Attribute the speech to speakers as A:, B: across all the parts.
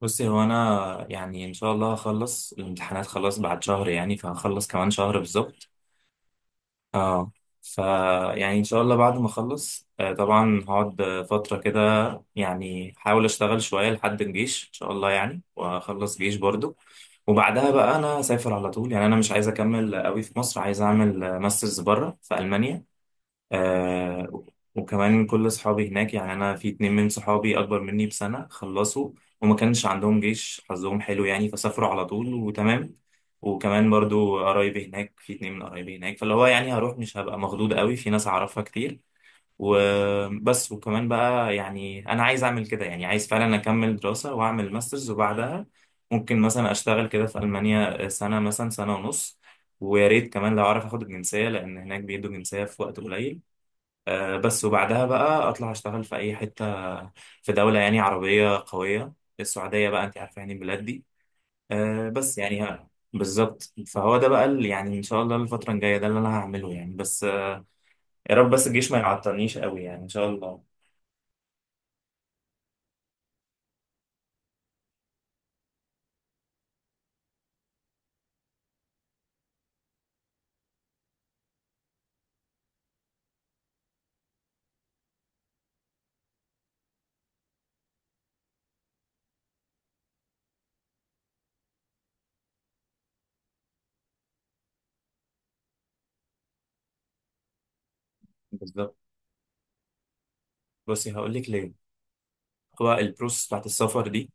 A: بصي، هو انا يعني ان شاء الله هخلص الامتحانات خلاص بعد شهر، يعني فهخلص كمان شهر بالظبط. اه. ف يعني ان شاء الله بعد ما اخلص طبعا هقعد فتره كده. يعني احاول اشتغل شويه لحد الجيش ان شاء الله، يعني واخلص جيش برضو. وبعدها بقى انا اسافر على طول، يعني انا مش عايز اكمل قوي في مصر، عايز اعمل ماسترز بره في المانيا. آه. وكمان كل اصحابي هناك، يعني انا في اتنين من صحابي اكبر مني بسنة خلصوا، وما كانش عندهم جيش، حظهم حلو يعني، فسافروا على طول وتمام. وكمان برضو قرايبي هناك، في اتنين من قرايبي هناك، فاللي هو يعني هروح مش هبقى مخضوض قوي، في ناس اعرفها كتير. وبس. وكمان بقى يعني انا عايز اعمل كده، يعني عايز فعلا اكمل دراسة واعمل ماسترز، وبعدها ممكن مثلا اشتغل كده في المانيا سنة، مثلا سنة ونص. ويا ريت كمان لو اعرف اخد الجنسية، لان هناك بيدوا جنسية في وقت قليل. بس. وبعدها بقى اطلع اشتغل في اي حته، في دوله يعني عربيه قويه، السعوديه بقى، انت عارفه يعني البلاد دي. بس يعني بالظبط. فهو ده بقى اللي يعني ان شاء الله الفتره الجايه ده اللي انا هعمله يعني. بس يا رب بس الجيش ما يعطلنيش قوي يعني ان شاء الله. بالظبط. بصي هقول لك ليه. هو البروسس بتاعت السفر دي،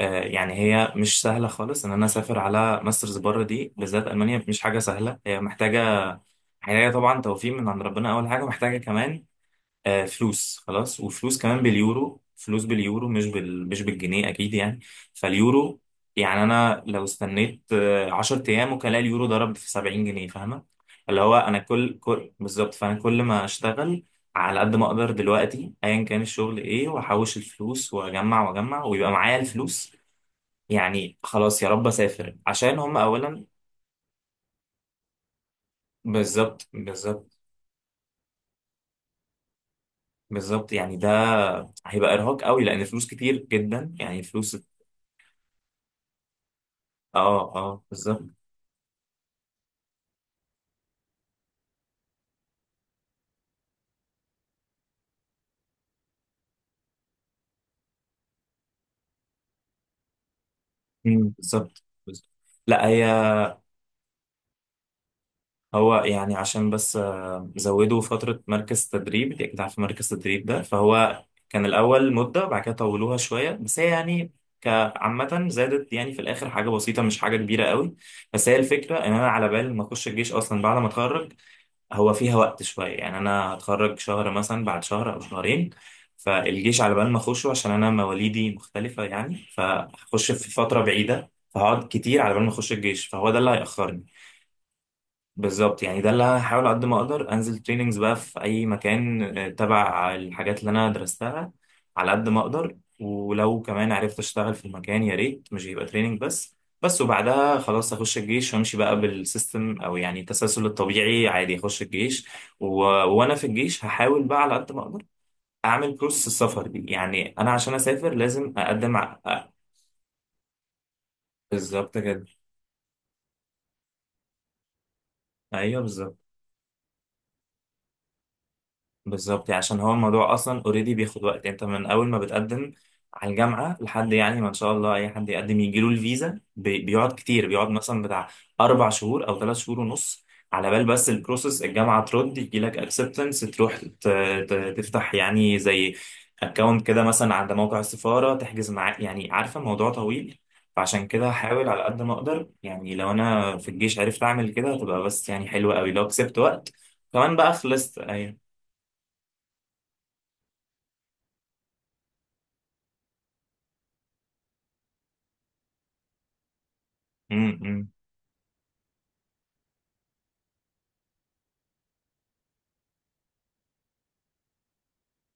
A: يعني هي مش سهله خالص، ان انا اسافر على ماسترز بره دي بالذات المانيا مش حاجه سهله، هي محتاجه، طبعا توفيق من عند ربنا اول حاجه، محتاجه كمان آه، فلوس خلاص، وفلوس كمان باليورو، فلوس باليورو مش مش بالجنيه اكيد يعني، فاليورو. يعني انا لو استنيت آه، 10 ايام ممكن الاقي اليورو ضرب في 70 جنيه، فاهمه؟ اللي هو انا كل كل بالظبط. فانا كل ما اشتغل على قد ما اقدر دلوقتي ايا كان الشغل ايه، واحوش الفلوس واجمع واجمع ويبقى معايا الفلوس، يعني خلاص يا رب اسافر، عشان هم اولا. بالظبط بالظبط. بالظبط، يعني ده هيبقى ارهاق قوي، لان فلوس كتير جدا يعني، فلوس. اه اه، بالظبط. مم، بالظبط بالظبط. لا. هي هو يعني عشان بس زودوا فترة مركز تدريب، يعني انت اكيد عارف مركز تدريب ده، فهو كان الأول مدة بعد كده طولوها شوية، بس هي يعني كعامة زادت يعني، في الآخر حاجة بسيطة مش حاجة كبيرة قوي. بس هي الفكرة إن أنا على بالي ما أخش الجيش أصلا بعد ما أتخرج، هو فيها وقت شوية، يعني أنا هتخرج شهر مثلا، بعد شهر أو شهرين، فالجيش على بال ما أخشه عشان أنا مواليدي مختلفة يعني، فهخش في فترة بعيدة، فهقعد كتير على بال ما أخش الجيش، فهو ده اللي هيأخرني. بالظبط، يعني ده اللي هحاول قد ما اقدر انزل تريننجز بقى في اي مكان، تبع الحاجات اللي انا درستها، على قد ما اقدر، ولو كمان عرفت اشتغل في المكان يا ريت مش هيبقى تريننج بس. بس وبعدها خلاص اخش الجيش وامشي بقى بالسيستم، او يعني التسلسل الطبيعي عادي، اخش الجيش، و... وانا في الجيش هحاول بقى على قد ما اقدر اعمل بروسس السفر دي، يعني انا عشان اسافر لازم اقدم بالظبط كده. ايوه بالظبط. بالظبط يعني عشان هو الموضوع اصلا اوريدي بياخد وقت، انت من اول ما بتقدم على الجامعه لحد يعني ما ان شاء الله اي حد يقدم يجيله الفيزا بيقعد كتير، بيقعد مثلا بتاع اربع شهور او ثلاث شهور ونص، على بال بس البروسيس الجامعه ترد يجي لك اكسبتنس، تروح تفتح يعني زي اكونت كده، مثلا عند موقع السفاره، تحجز معاه، يعني عارفه الموضوع طويل. فعشان كده هحاول على قد ما اقدر، يعني لو انا في الجيش عرفت اعمل كده هتبقى بس يعني حلوه قوي لو كسبت وقت. كمان بقى خلصت. أيوه. امم.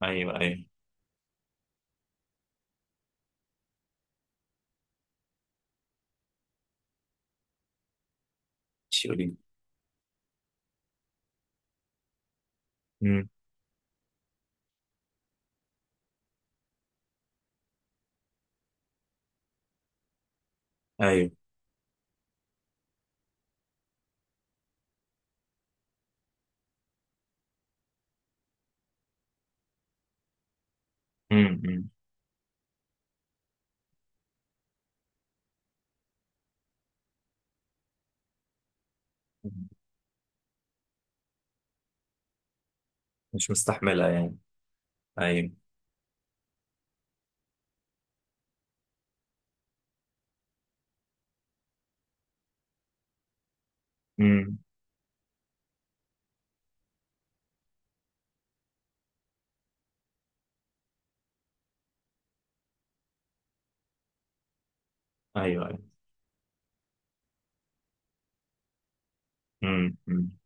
A: ايوه ايوه. شيولين. امم. ايوه. امم. مش مستحملها يعني. ايوه. امم. ايوه ايوه. امم.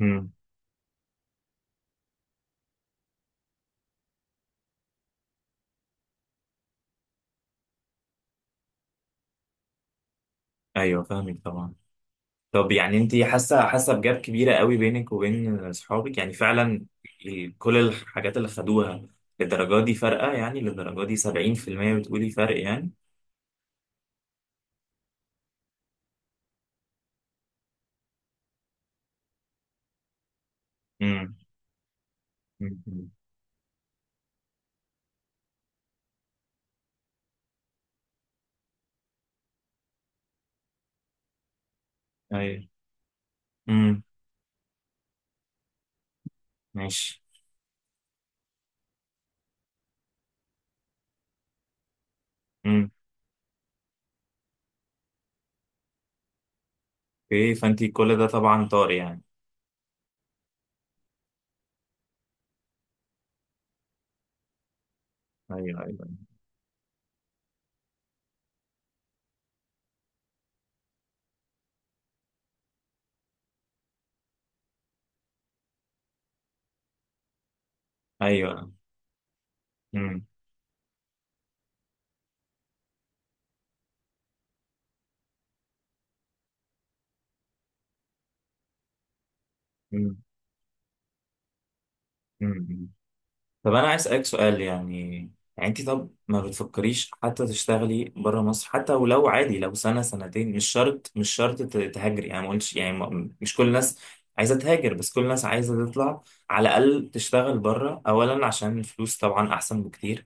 A: امم. ايوه فاهمك طبعا. طب يعني انت حاسه حاسه بجاب كبيره قوي بينك وبين اصحابك يعني فعلا؟ كل الحاجات اللي خدوها للدرجه دي فارقه، يعني للدرجه دي 70% بتقولي فرق يعني؟ امم امم. ايوه. امم. ماشي. امم. اوكي. فانت كل ده طبعا طار يعني. ايوه ايوه ايوه. امم. مم. طب انا عايز اسالك سؤال يعني. يعني انت طب ما بتفكريش حتى تشتغلي بره مصر؟ حتى ولو عادي، لو سنه سنتين، مش شرط، مش شرط تهاجري، يعني ما قلتش يعني مش كل الناس عايزه تهاجر، بس كل الناس عايزه تطلع على الاقل تشتغل بره اولا، عشان الفلوس طبعا احسن بكتير،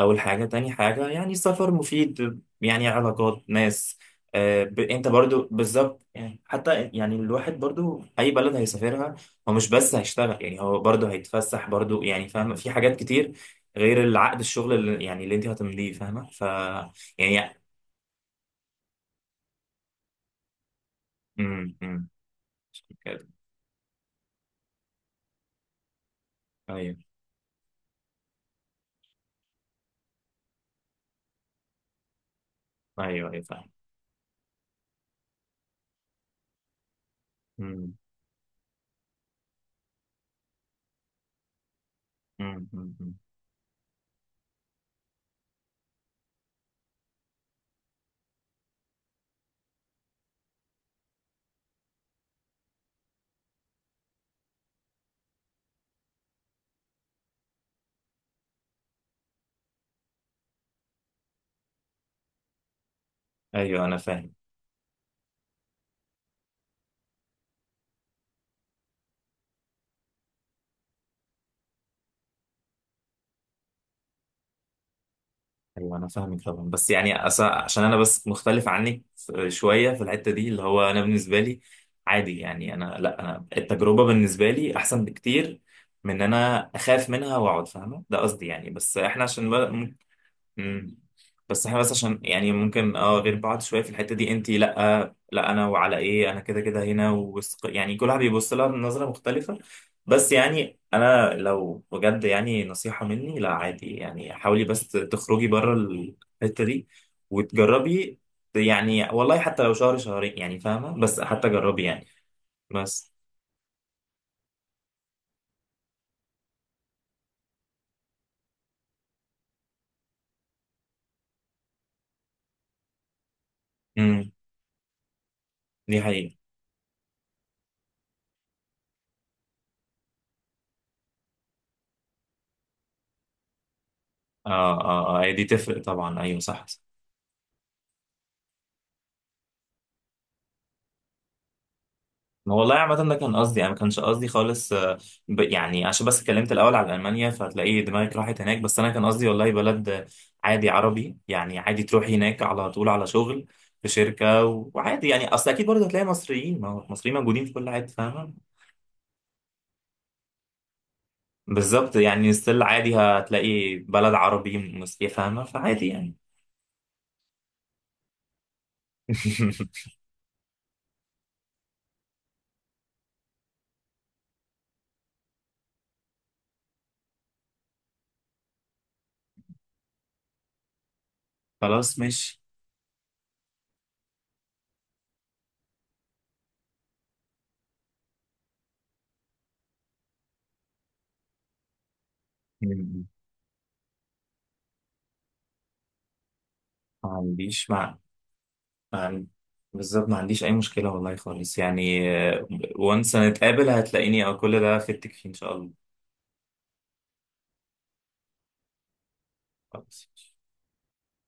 A: أول حاجة. تاني حاجة يعني سفر مفيد، يعني علاقات، ناس، آه أنت برضو بالظبط يعني. حتى يعني الواحد برضو أي بلد هيسافرها هو مش بس هيشتغل يعني، هو برضو هيتفسح برضو، يعني فاهمة، في حاجات كتير غير العقد الشغل اللي يعني اللي أنت هتمليه فاهمة. يعني. امم. أيوه أيوه أيوه فاهم. امم امم. أمم. أيوه أنا فاهم. ايوه انا فاهمك طبعا، بس يعني عشان انا بس مختلف عنك شويه في الحته دي، اللي هو انا بالنسبه لي عادي يعني، انا لا، انا التجربه بالنسبه لي احسن بكتير من ان انا اخاف منها واقعد، فاهمه ده قصدي يعني، بس احنا عشان بقى. مم. بس احنا بس عشان يعني ممكن اه غير بعض شويه في الحته دي، انت لا، لا انا وعلى ايه، انا كده كده هنا ووسق، يعني كل واحد بيبص لها بنظره مختلفه. بس يعني انا لو بجد يعني نصيحه مني، لا عادي يعني حاولي بس تخرجي بره الحته دي وتجربي يعني، والله حتى لو شهر شهرين يعني فاهمه، بس حتى جربي يعني. بس. امم. دي حقيقه. اه اه اه، هي دي تفرق طبعا، ايوه صح. والله عامة ده كان قصدي، أنا ما كانش قصدي خالص يعني عشان بس اتكلمت الأول على ألمانيا فهتلاقي دماغك راحت هناك، بس أنا كان قصدي والله بلد عادي عربي يعني، عادي تروحي هناك على طول على شغل في شركة وعادي يعني، أصل أكيد برضه هتلاقي مصريين، ما هو مصريين موجودين في كل حتة فاهمة. بالظبط يعني، ستيل عادي هتلاقي بلد عربي مسيحي فاهمة، فعادي يعني. خلاص ماشي. ما عنديش مع ما عن- بالظبط، ما عنديش أي مشكلة والله خالص يعني. وانس هنتقابل، هتلاقيني، أو كل ده فدتك فيه إن شاء الله. خلاص.